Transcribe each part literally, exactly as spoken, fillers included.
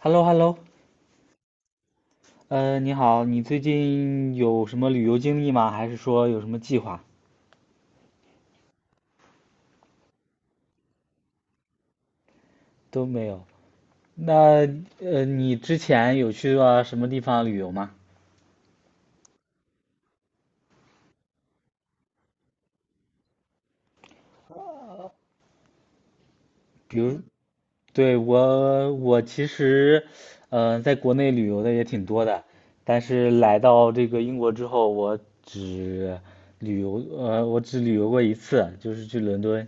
h e l l o h e l l o 呃，你好，你最近有什么旅游经历吗？还是说有什么计划？都没有。那呃，你之前有去过什么地方旅游吗？比如，对，我，我其实，呃，在国内旅游的也挺多的，但是来到这个英国之后，我只旅游，呃，我只旅游过一次，就是去伦敦。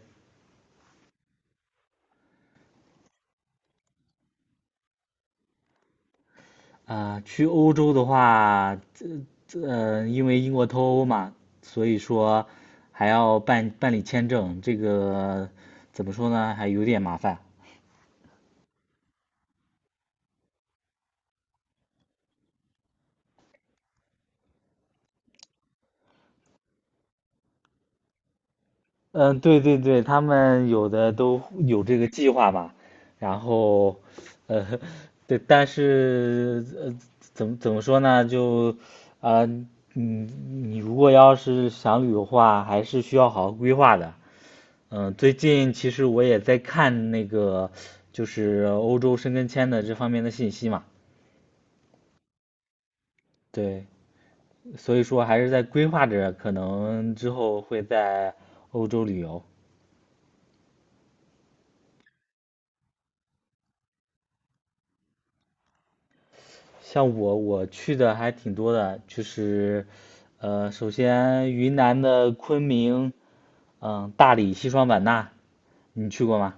啊、去欧洲的话，嗯，因为英国脱欧嘛，所以说还要办办理签证，这个怎么说呢，还有点麻烦。嗯，对对对，他们有的都有这个计划嘛，然后，呃，对，但是呃，怎么怎么说呢，就，啊，你你如果要是想旅游的话，还是需要好好规划的。嗯，最近其实我也在看那个，就是欧洲申根签的这方面的信息嘛。对，所以说还是在规划着，可能之后会在欧洲旅游。像我，我去的还挺多的，就是，呃，首先云南的昆明，嗯、大理、西双版纳，你去过吗？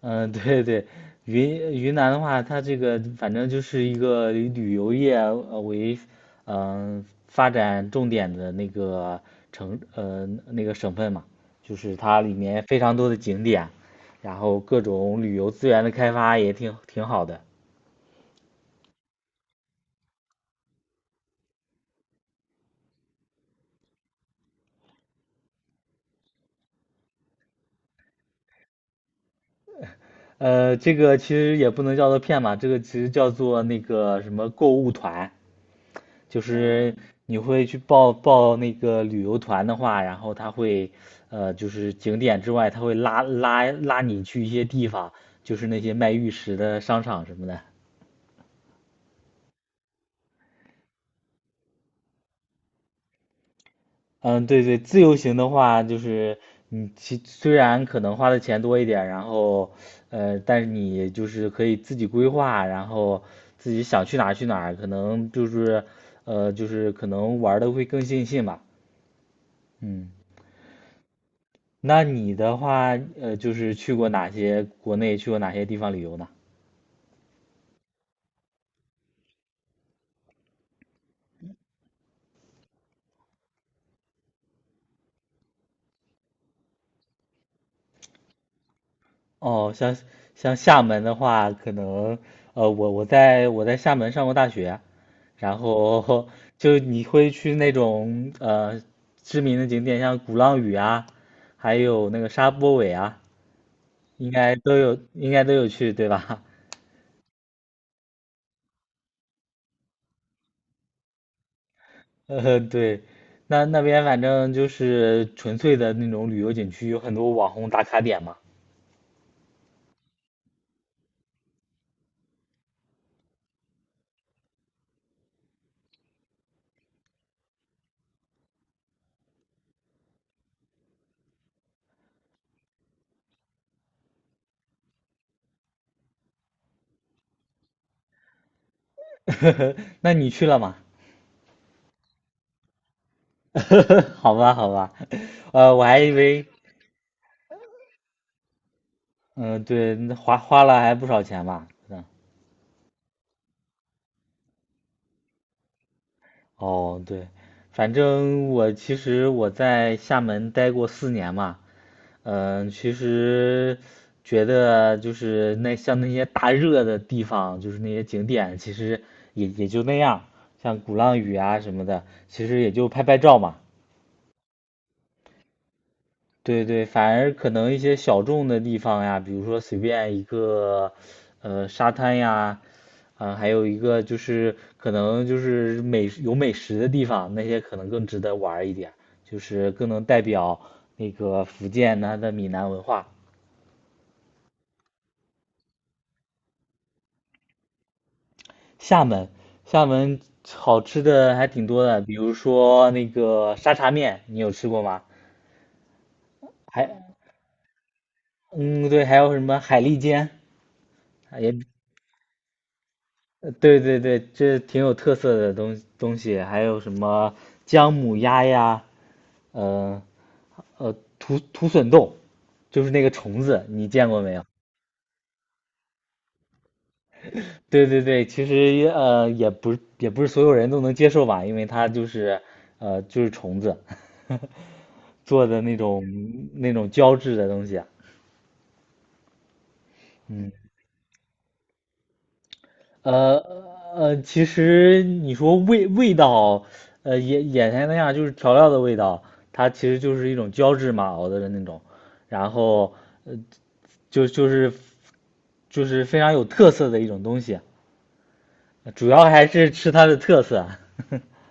嗯，对对，云云南的话，它这个反正就是一个以旅游业呃为嗯、呃发展重点的那个城呃那个省份嘛，就是它里面非常多的景点，然后各种旅游资源的开发也挺挺好的。呃，这个其实也不能叫做骗嘛，这个其实叫做那个什么购物团，就是你会去报报那个旅游团的话，然后他会，呃，就是景点之外，他会拉拉拉你去一些地方，就是那些卖玉石的商场什么的。嗯，对对，自由行的话，就是你其虽然可能花的钱多一点，然后，呃，但是你就是可以自己规划，然后自己想去哪儿去哪儿，可能就是，呃，就是可能玩的会更尽兴吧。嗯。那你的话，呃，就是去过哪些国内，去过哪些地方旅游呢？哦，像像厦门的话，可能呃，我我在我在厦门上过大学，然后就你会去那种呃知名的景点，像鼓浪屿啊，还有那个沙坡尾啊，应该都有，应该都有去，对吧？呃，对，那那边反正就是纯粹的那种旅游景区，有很多网红打卡点嘛。那你去了吗？好吧，好吧，呃，我还以为，嗯、对，那花花了还不少钱吧？嗯，哦，对，反正我其实我在厦门待过四年嘛，嗯、其实觉得就是那像那些大热的地方，就是那些景点，其实也也就那样，像鼓浪屿啊什么的，其实也就拍拍照嘛。对对，反而可能一些小众的地方呀，比如说随便一个，呃，沙滩呀，啊、还有一个就是可能就是美有美食的地方，那些可能更值得玩儿一点，就是更能代表那个福建它的闽南文化。厦门，厦门好吃的还挺多的，比如说那个沙茶面，你有吃过吗？还，嗯，对，还有什么海蛎煎，啊也呃对对对，这挺有特色的东东西，还有什么姜母鸭呀，呃呃，土土笋冻，就是那个虫子，你见过没有？对对对，其实呃也不是也不是所有人都能接受吧，因为它就是呃就是虫子 做的那种那种胶质的东西啊嗯。呃呃，其实你说味味道，呃，眼眼前那样就是调料的味道，它其实就是一种胶质嘛熬的那种，然后就就是就是非常有特色的一种东西，主要还是吃它的特色。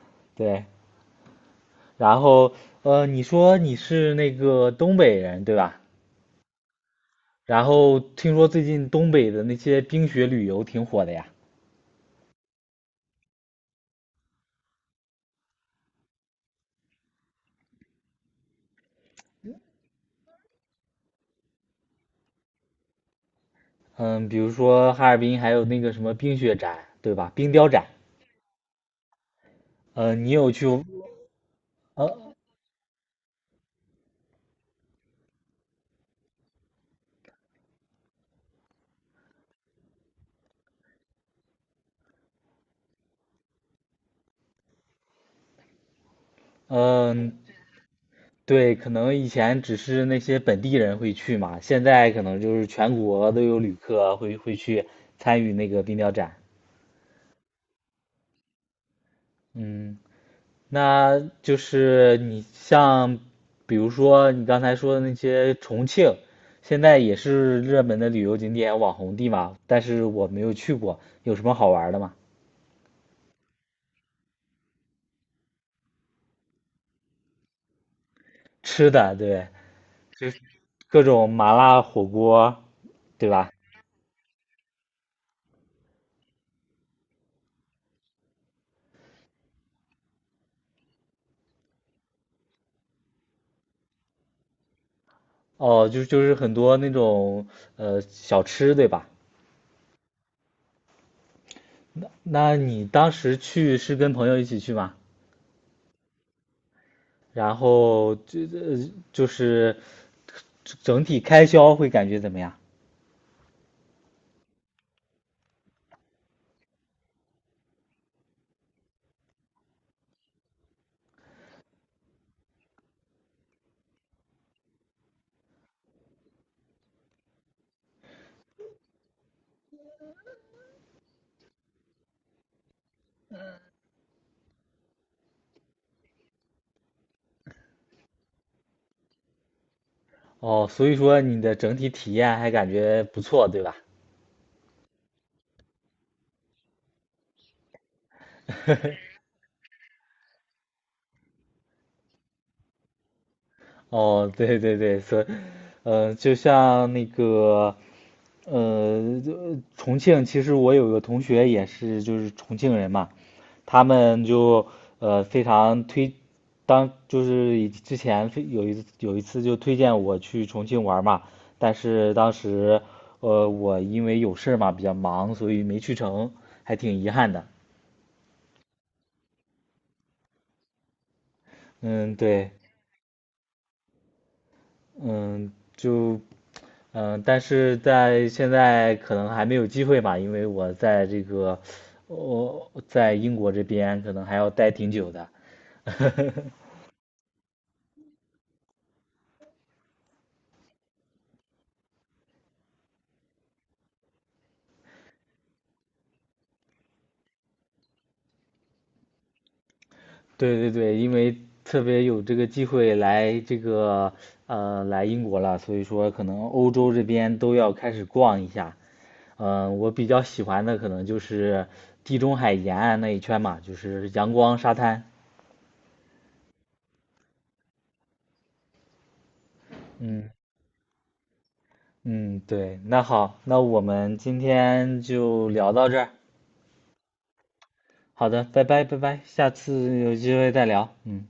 对，然后呃，你说你是那个东北人对吧？然后听说最近东北的那些冰雪旅游挺火的呀，嗯，比如说哈尔滨还有那个什么冰雪展对吧？冰雕展。呃，你有去呃嗯、对，可能以前只是那些本地人会去嘛，现在可能就是全国都有旅客会会去参与那个冰雕展。嗯，那就是你像，比如说你刚才说的那些重庆，现在也是热门的旅游景点、网红地嘛，但是我没有去过，有什么好玩的吗？吃的，对，各种麻辣火锅，对吧？哦，就就是很多那种呃小吃，对吧？那你当时去是跟朋友一起去吗？然后就呃就是整体开销会感觉怎么样？哦，所以说你的整体体验还感觉不错，对吧？哦，对对对，所以，呃，就像那个，呃，就重庆，其实我有个同学也是，就是重庆人嘛，他们就呃非常推，当就是以之前非有一有一次就推荐我去重庆玩嘛，但是当时呃我因为有事儿嘛比较忙，所以没去成，还挺遗憾的。嗯，对。嗯，就，嗯，但是在现在可能还没有机会吧，因为我在这个，我在英国这边可能还要待挺久的。对对对，因为特别有这个机会来这个，呃，来英国了，所以说可能欧洲这边都要开始逛一下。嗯，我比较喜欢的可能就是地中海沿岸那一圈嘛，就是阳光沙滩。嗯。嗯，对，那好，那我们今天就聊到这儿。好的，拜拜，拜拜，下次有机会再聊。嗯。